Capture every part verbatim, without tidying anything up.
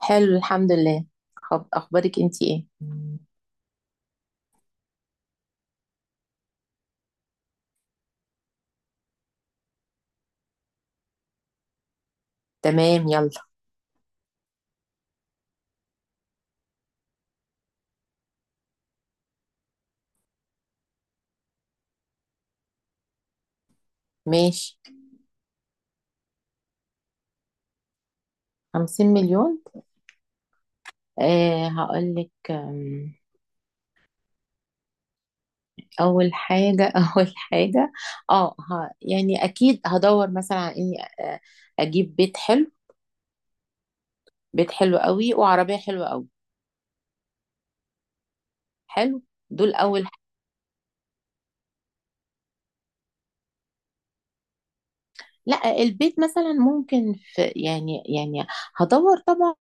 حلو، الحمد لله. خب اخبارك انتي ايه؟ تمام يلا. ماشي. خمسين مليون. آه هقولك آم، اول حاجة. اول حاجة، اه ه- يعني اكيد هدور مثلا على اني آه، اجيب بيت حلو. بيت حلو قوي وعربية حلوة قوي. حلو، دول اول. لا البيت مثلا ممكن في يعني يعني هدور طبعا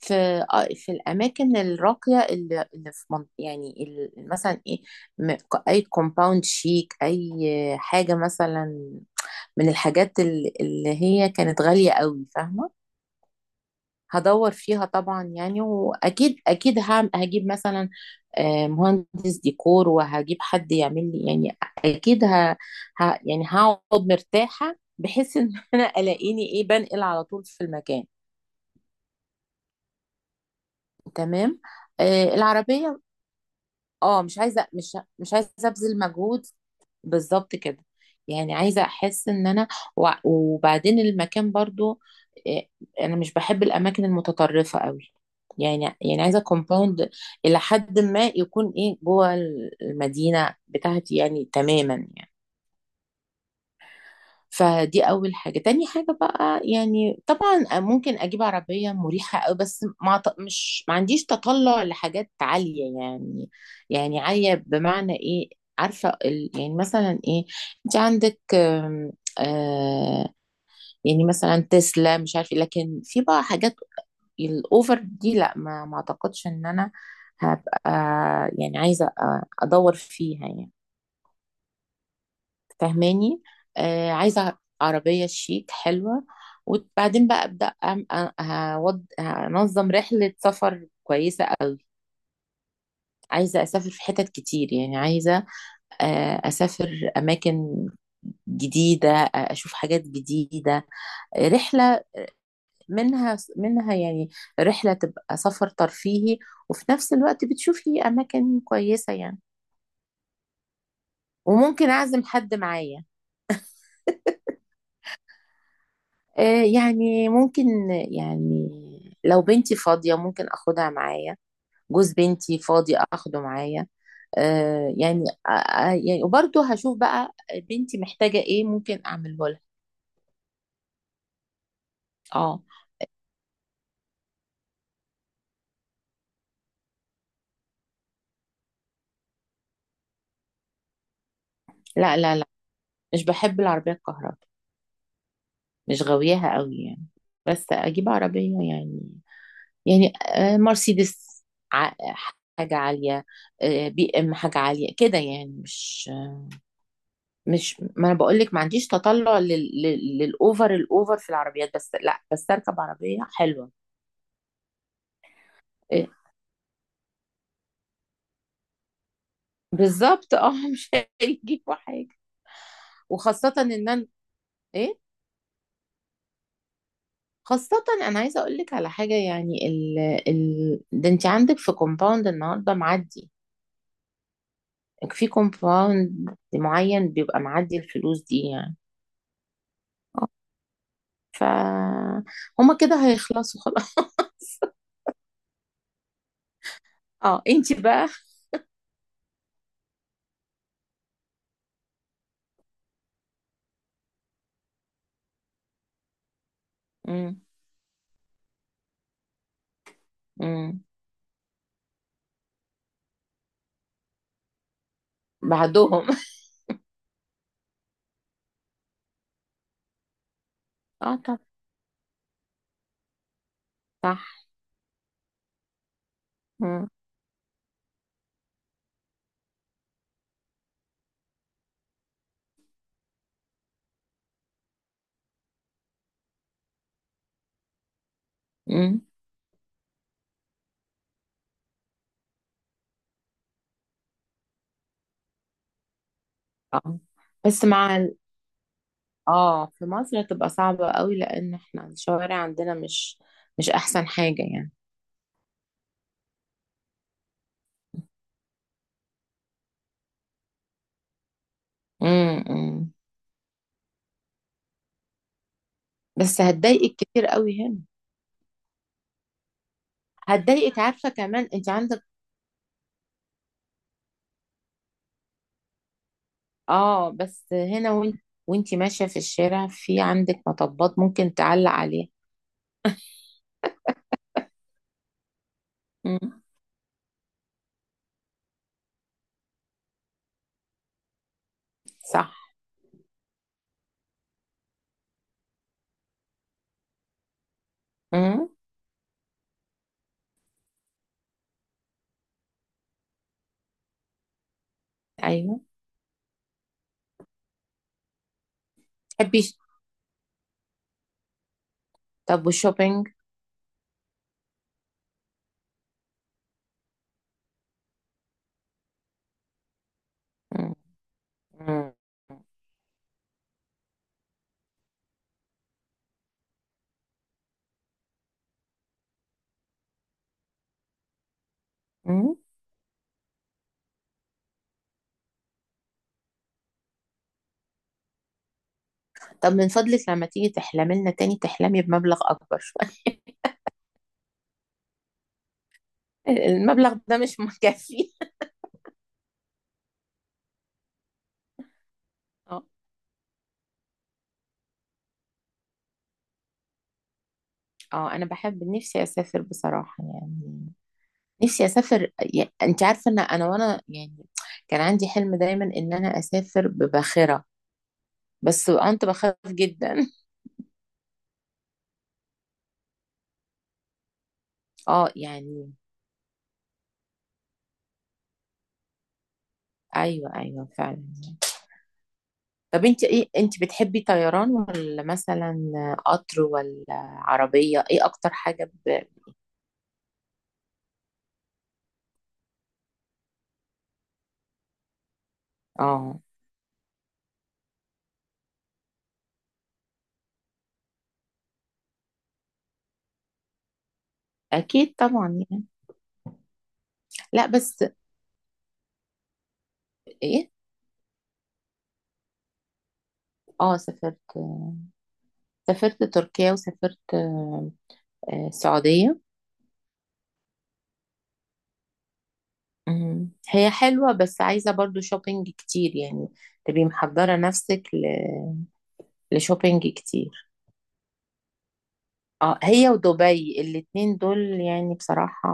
في آه، في الاماكن الراقيه اللي اللي في منط- يعني ال- مثلا ايه، م- اي كومباوند شيك، اي حاجه مثلا من الحاجات ال- اللي هي كانت غاليه قوي، فاهمه. هدور فيها طبعا يعني، واكيد اكيد هعم- هجيب مثلا آه، مهندس ديكور، وهجيب حد يعمل لي يعني. اكيد ه... ه... يعني هقعد مرتاحة بحيث ان انا الاقيني ايه بنقل على طول في المكان. تمام. آه، العربية. اه، مش عايزه، مش مش عايزه ابذل مجهود، بالظبط كده. يعني عايزه احس ان انا، وع- وبعدين المكان برضو إيه، انا مش بحب الاماكن المتطرفه قوي. يعني يعني عايزه كومباوند الى حد ما، يكون ايه جوه المدينه بتاعتي يعني، تماما يعني. فدي أول حاجة. تاني حاجة بقى، يعني طبعا ممكن أجيب عربية مريحة أوي، بس ما ط- مش ما عنديش تطلع لحاجات عالية يعني. يعني عالية بمعنى إيه؟ عارفة ال- يعني مثلا إيه، أنت عندك آم، آه يعني مثلا تسلا، مش عارفة، لكن في بقى حاجات الأوفر دي، لا، ما ما أعتقدش إن أنا هبقى يعني عايزة أ- أدور فيها يعني. فاهماني؟ آه، عايزة عربية شيك حلوة. وبعدين بقى أبدأ أم- أ- هود- هنظم رحلة سفر كويسة قوي. عايزة أسافر في حتت كتير، يعني عايزة آه، أسافر أماكن جديدة، آه، أشوف حاجات جديدة، آه، رحلة منها منها يعني، رحلة تبقى سفر ترفيهي وفي نفس الوقت بتشوفي أماكن كويسة يعني. وممكن أعزم حد معايا. آه، يعني ممكن يعني، لو بنتي فاضية ممكن أخدها معايا، جوز بنتي فاضي أخده معايا، آه، يعني آه، آه، يعني وبرضه هشوف بقى بنتي محتاجة إيه ممكن أعمله لها. آه. لا لا لا، مش بحب العربية الكهرباء، مش غاوياها قوي يعني. بس أجيب عربية يعني، يعني آه، مرسيدس، ع- حاجة عالية، آه، بي إم، حاجة عالية كده يعني. مش، مش، ما انا بقول لك ما عنديش تطلع لل... لل... للاوفر. الاوفر في العربيات، بس لا، بس اركب عربيه حلوه. إيه؟ بالظبط. اه مش هيجيبوا حاجه. وخاصه ان انا ايه، خاصه انا عايزه اقول لك على حاجه يعني، ال... ال... ده انت عندك في كومباوند النهارده معدي، في كومباوند معين بيبقى معدي الفلوس دي يعني. آه، ف هما كده هيخلصوا خلاص. اه انت بقى. امم. امم. بعدهم. اه طب. صح. مم. مم. اه بس مع ال... اه، في مصر تبقى صعبة قوي، لان احنا الشوارع عندنا مش، مش احسن حاجة يعني. مم. مم. بس هتضايقك كتير قوي هنا، هتضايقك، عارفة كمان انت عندك. اه بس هنا، وانت، وانت ماشية في الشارع، في عندك مطبات ممكن تعلق عليها. مم. صح. مم. ايوه. تحبي؟ طب والشوبينج؟ مم. مم. مم. طب من فضلك لما تيجي تحلمي لنا تاني، تحلمي بمبلغ اكبر شوية. المبلغ ده مش مكفي. اه، اه، انا بحب، نفسي اسافر بصراحة يعني. نفسي اسافر يعني، انت عارفة ان انا، وانا يعني كان عندي حلم دايما ان انا اسافر بباخرة، بس كنت بخاف جدا. اه يعني، ايوه ايوه فعلا. طب انت ايه، انت بتحبي طيران ولا مثلا قطر، ولا عربية، ايه اكتر حاجة ب... اه اكيد طبعا يعني. لا بس ايه. اه سافرت، سافرت تركيا، وسافرت آه، السعودية. مم. هي حلوة بس عايزة برضو شوبينج كتير يعني، تبقي محضرة نفسك ل- لشوبينج كتير. اه، هي ودبي الاتنين دول يعني بصراحة،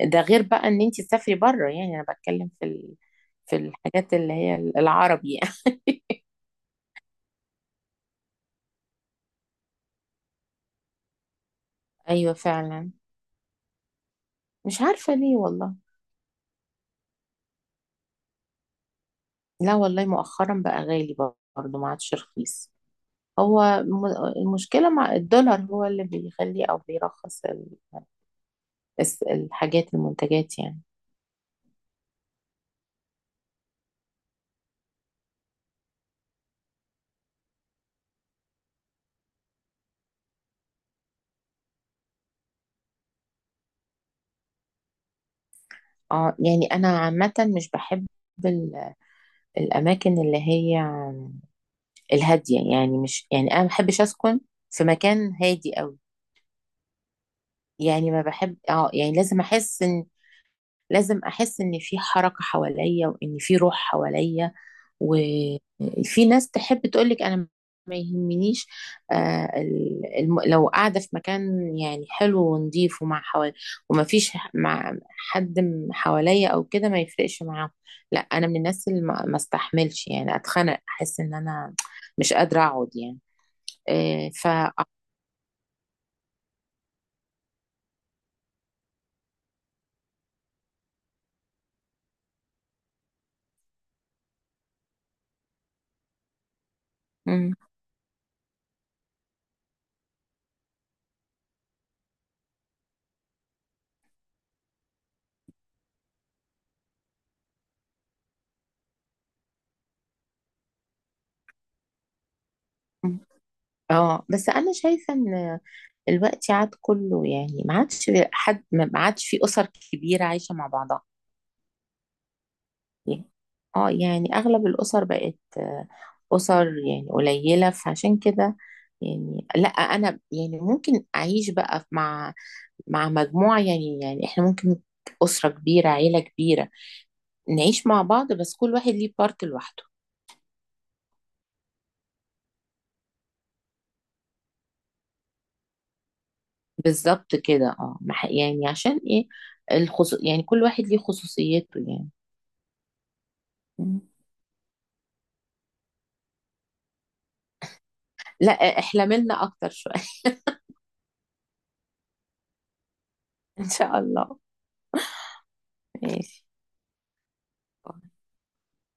ده غير بقى ان انتي تسافري بره، يعني انا بتكلم في ال... في الحاجات اللي هي العربي يعني. ايوه فعلا، مش عارفة ليه والله. لا والله، مؤخرا بقى غالي، برضه ما عادش رخيص. هو م- المشكلة مع الدولار هو اللي بيخلي او بيرخص ال- الس- الحاجات المنتجات يعني. اه يعني انا عامة مش بحب ال- الاماكن اللي هي الهادية يعني، مش يعني، انا ما بحبش اسكن في مكان هادي قوي. يعني ما بحب، اه يعني لازم احس ان، لازم احس ان في حركة حواليا، وان في روح حواليا. وفي ناس تحب تقولك انا ما يهمنيش آه ال- الم... لو قاعده في مكان يعني حلو ونضيف ومع حوالي، وما فيش ح- مع حد م- حواليا او كده، ما يفرقش معاهم. لا انا من الناس اللي ما ما استحملش، يعني اتخنق، احس ان انا مش قادره اقعد يعني. آه ف مم. اه بس انا شايفه ان الوقت عاد كله، يعني ما عادش حد، ما عادش في اسر كبيره عايشه مع بعضها يعني. اه يعني اغلب الاسر بقت آه، اسر يعني قليله، فعشان كده يعني لا، انا يعني ممكن اعيش بقى مع، مع مجموعه يعني. يعني احنا ممكن اسره كبيره، عيله كبيره، نعيش مع بعض بس كل واحد ليه بارت لوحده. بالظبط كده. اه ما ح- يعني عشان ايه، الخصو... يعني كل واحد ليه خصوصيته يعني. م. لا، احلملنا اكتر شويه. ان شاء الله. ماشي.